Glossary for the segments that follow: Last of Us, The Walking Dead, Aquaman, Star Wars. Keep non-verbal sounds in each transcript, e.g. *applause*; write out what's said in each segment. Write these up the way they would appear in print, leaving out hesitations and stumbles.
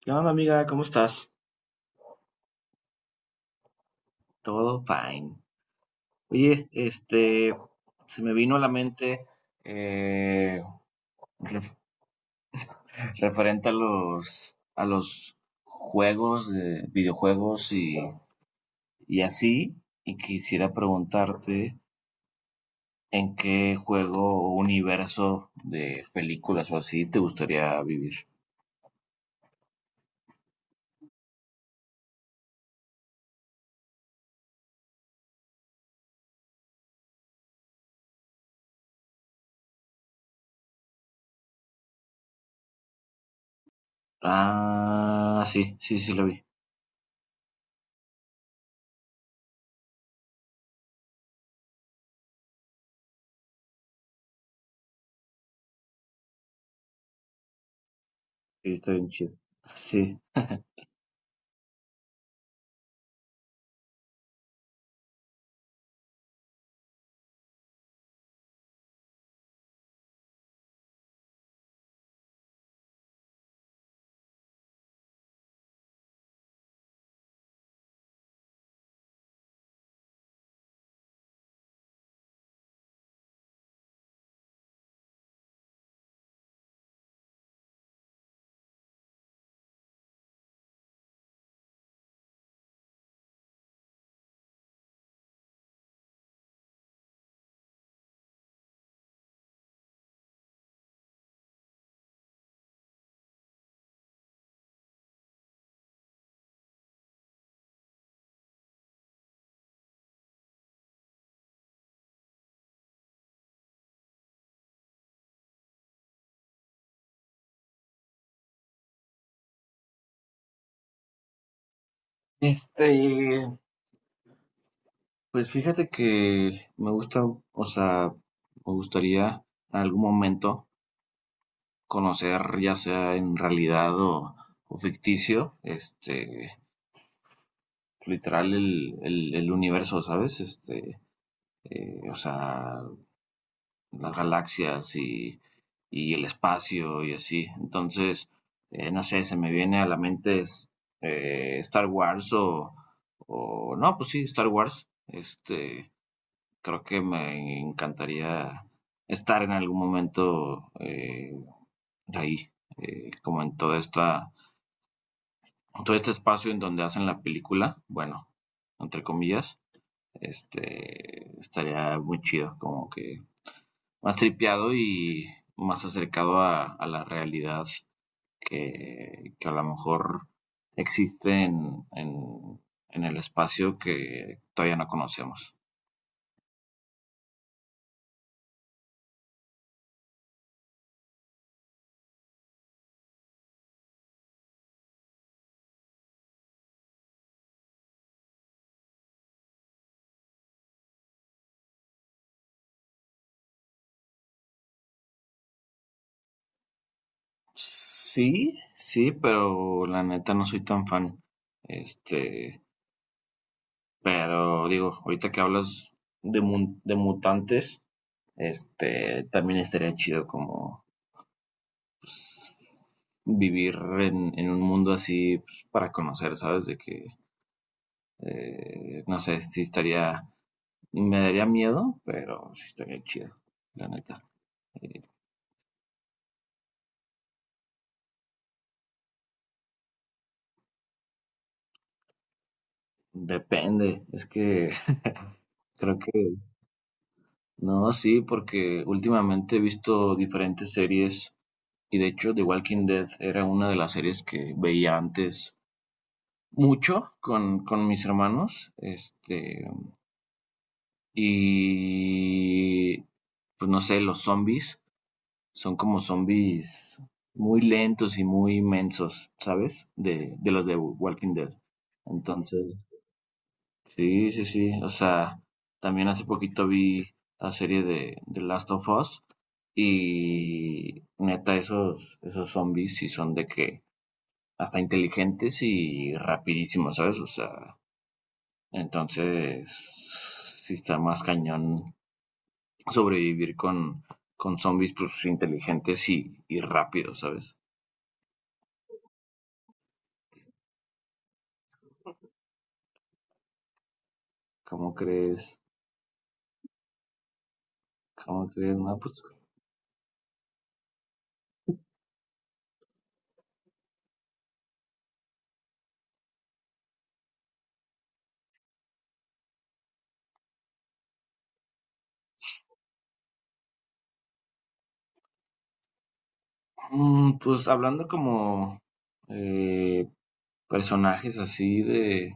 ¿Qué onda, amiga? ¿Cómo estás? Todo fine. Oye, este, se me vino a la mente eh, ref- referente a los juegos, de videojuegos y así, y quisiera preguntarte en qué juego o universo de películas o así te gustaría vivir. Ah, sí, sí, sí lo vi. Sí, está bien chido. Sí. Este, pues fíjate que me gusta, o sea, me gustaría en algún momento conocer, ya sea en realidad o ficticio, este, literal el universo, ¿sabes? O sea, las galaxias y el espacio y así. Entonces, no sé, se me viene a la mente Star Wars o, no, pues sí, Star Wars. Este, creo que me encantaría estar en algún momento ahí, como en todo este espacio en donde hacen la película, bueno, entre comillas, este, estaría muy chido, como que más tripeado y más acercado a la realidad que a lo mejor existe en el espacio que todavía no conocemos. Sí, sí, pero la neta no soy tan fan. Este, pero digo, ahorita que hablas de mutantes, este, también estaría chido como pues, vivir en un mundo así pues, para conocer, ¿sabes? De que, no sé, si estaría, me daría miedo, pero sí estaría chido, la neta. Eh, depende, es que *laughs* creo que, no, sí, porque últimamente he visto diferentes series. Y de hecho, The Walking Dead era una de las series que veía antes mucho con mis hermanos. Este, y pues no sé, los zombies son como zombies muy lentos y muy inmensos, ¿sabes? De los de Walking Dead. Entonces, sí, sí, sí. O sea, también hace poquito vi la serie de Last of Us y neta, esos zombies sí son de que hasta inteligentes y rapidísimos, ¿sabes? O sea, entonces sí está más cañón sobrevivir con zombies pues inteligentes y rápidos, ¿sabes? ¿Cómo crees? ¿Cómo crees? No, pues, mm, pues hablando como eh, personajes así de,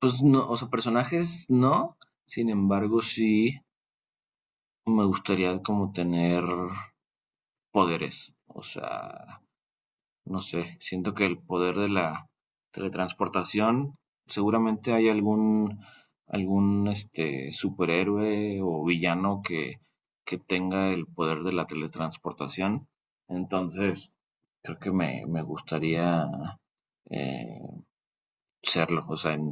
pues no, o sea, personajes no, sin embargo sí me gustaría como tener poderes, o sea, no sé, siento que el poder de la teletransportación, seguramente hay algún este, superhéroe o villano que tenga el poder de la teletransportación. Entonces, creo que me gustaría eh, serlo, o sea, en,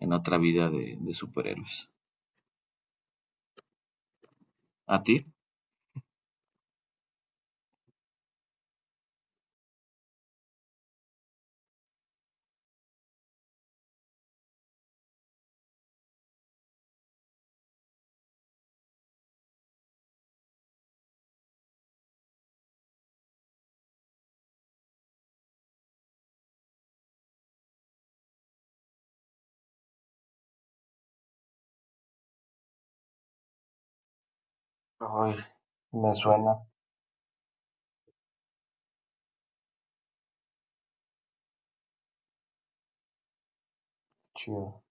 en otra vida de superhéroes. ¿A ti? Ay, me suena chido.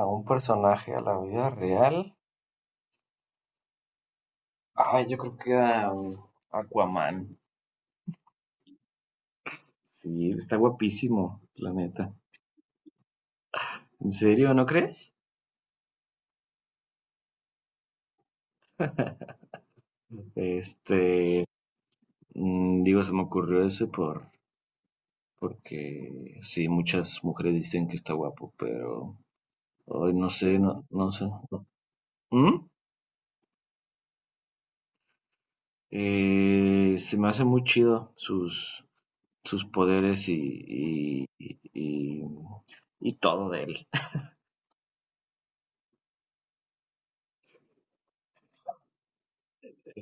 A un personaje a la vida real. Ay, yo creo que a Aquaman. Sí, está guapísimo, la neta. ¿En serio, no crees? Este, mm, digo, se me ocurrió ese por, porque sí, muchas mujeres dicen que está guapo, pero hoy no sé, no, no sé. No. ¿Mm? Se me hace muy chido sus, sus poderes y todo de él. *laughs*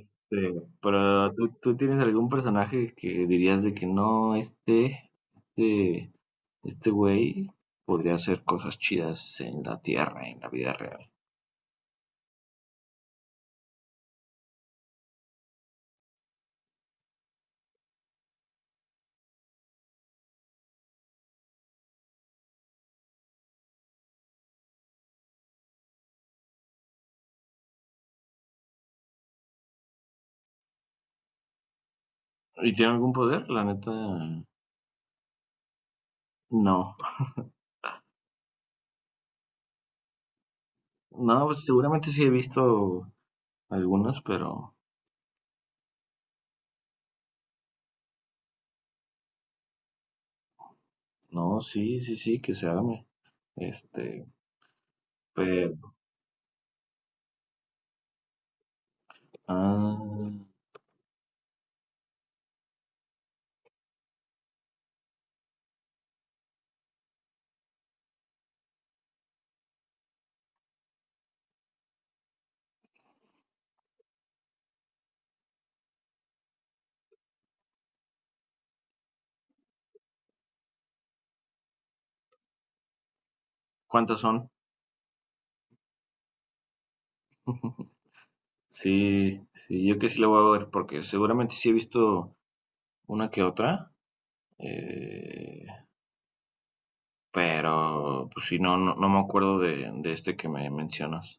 Este, pero ¿tú tienes algún personaje que dirías de que no, este, este este güey podría hacer cosas chidas en la tierra, en la vida real? ¿Y tiene algún poder? La neta, no. No, pues seguramente sí he visto algunas, pero no, sí, sí, sí, que se arme. Este, pero, ah, ¿cuántas son? *laughs* Sí, sí, yo que sí la voy a ver, porque seguramente sí he visto una que otra, eh, pero pues sí, no, no, no me acuerdo de este que me mencionas.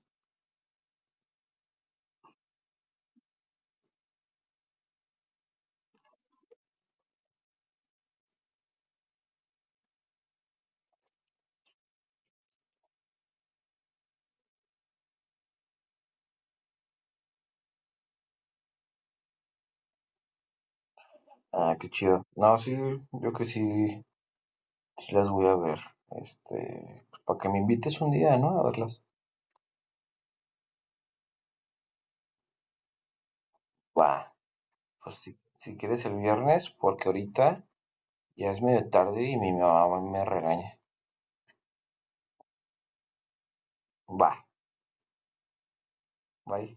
Ah, qué chido. No, sí, yo creo que sí, sí las voy a ver. Este, pues, para que me invites un día, ¿no? A verlas. Va, pues si, si quieres el viernes, porque ahorita ya es medio tarde y mi mamá me regaña. Va, bye.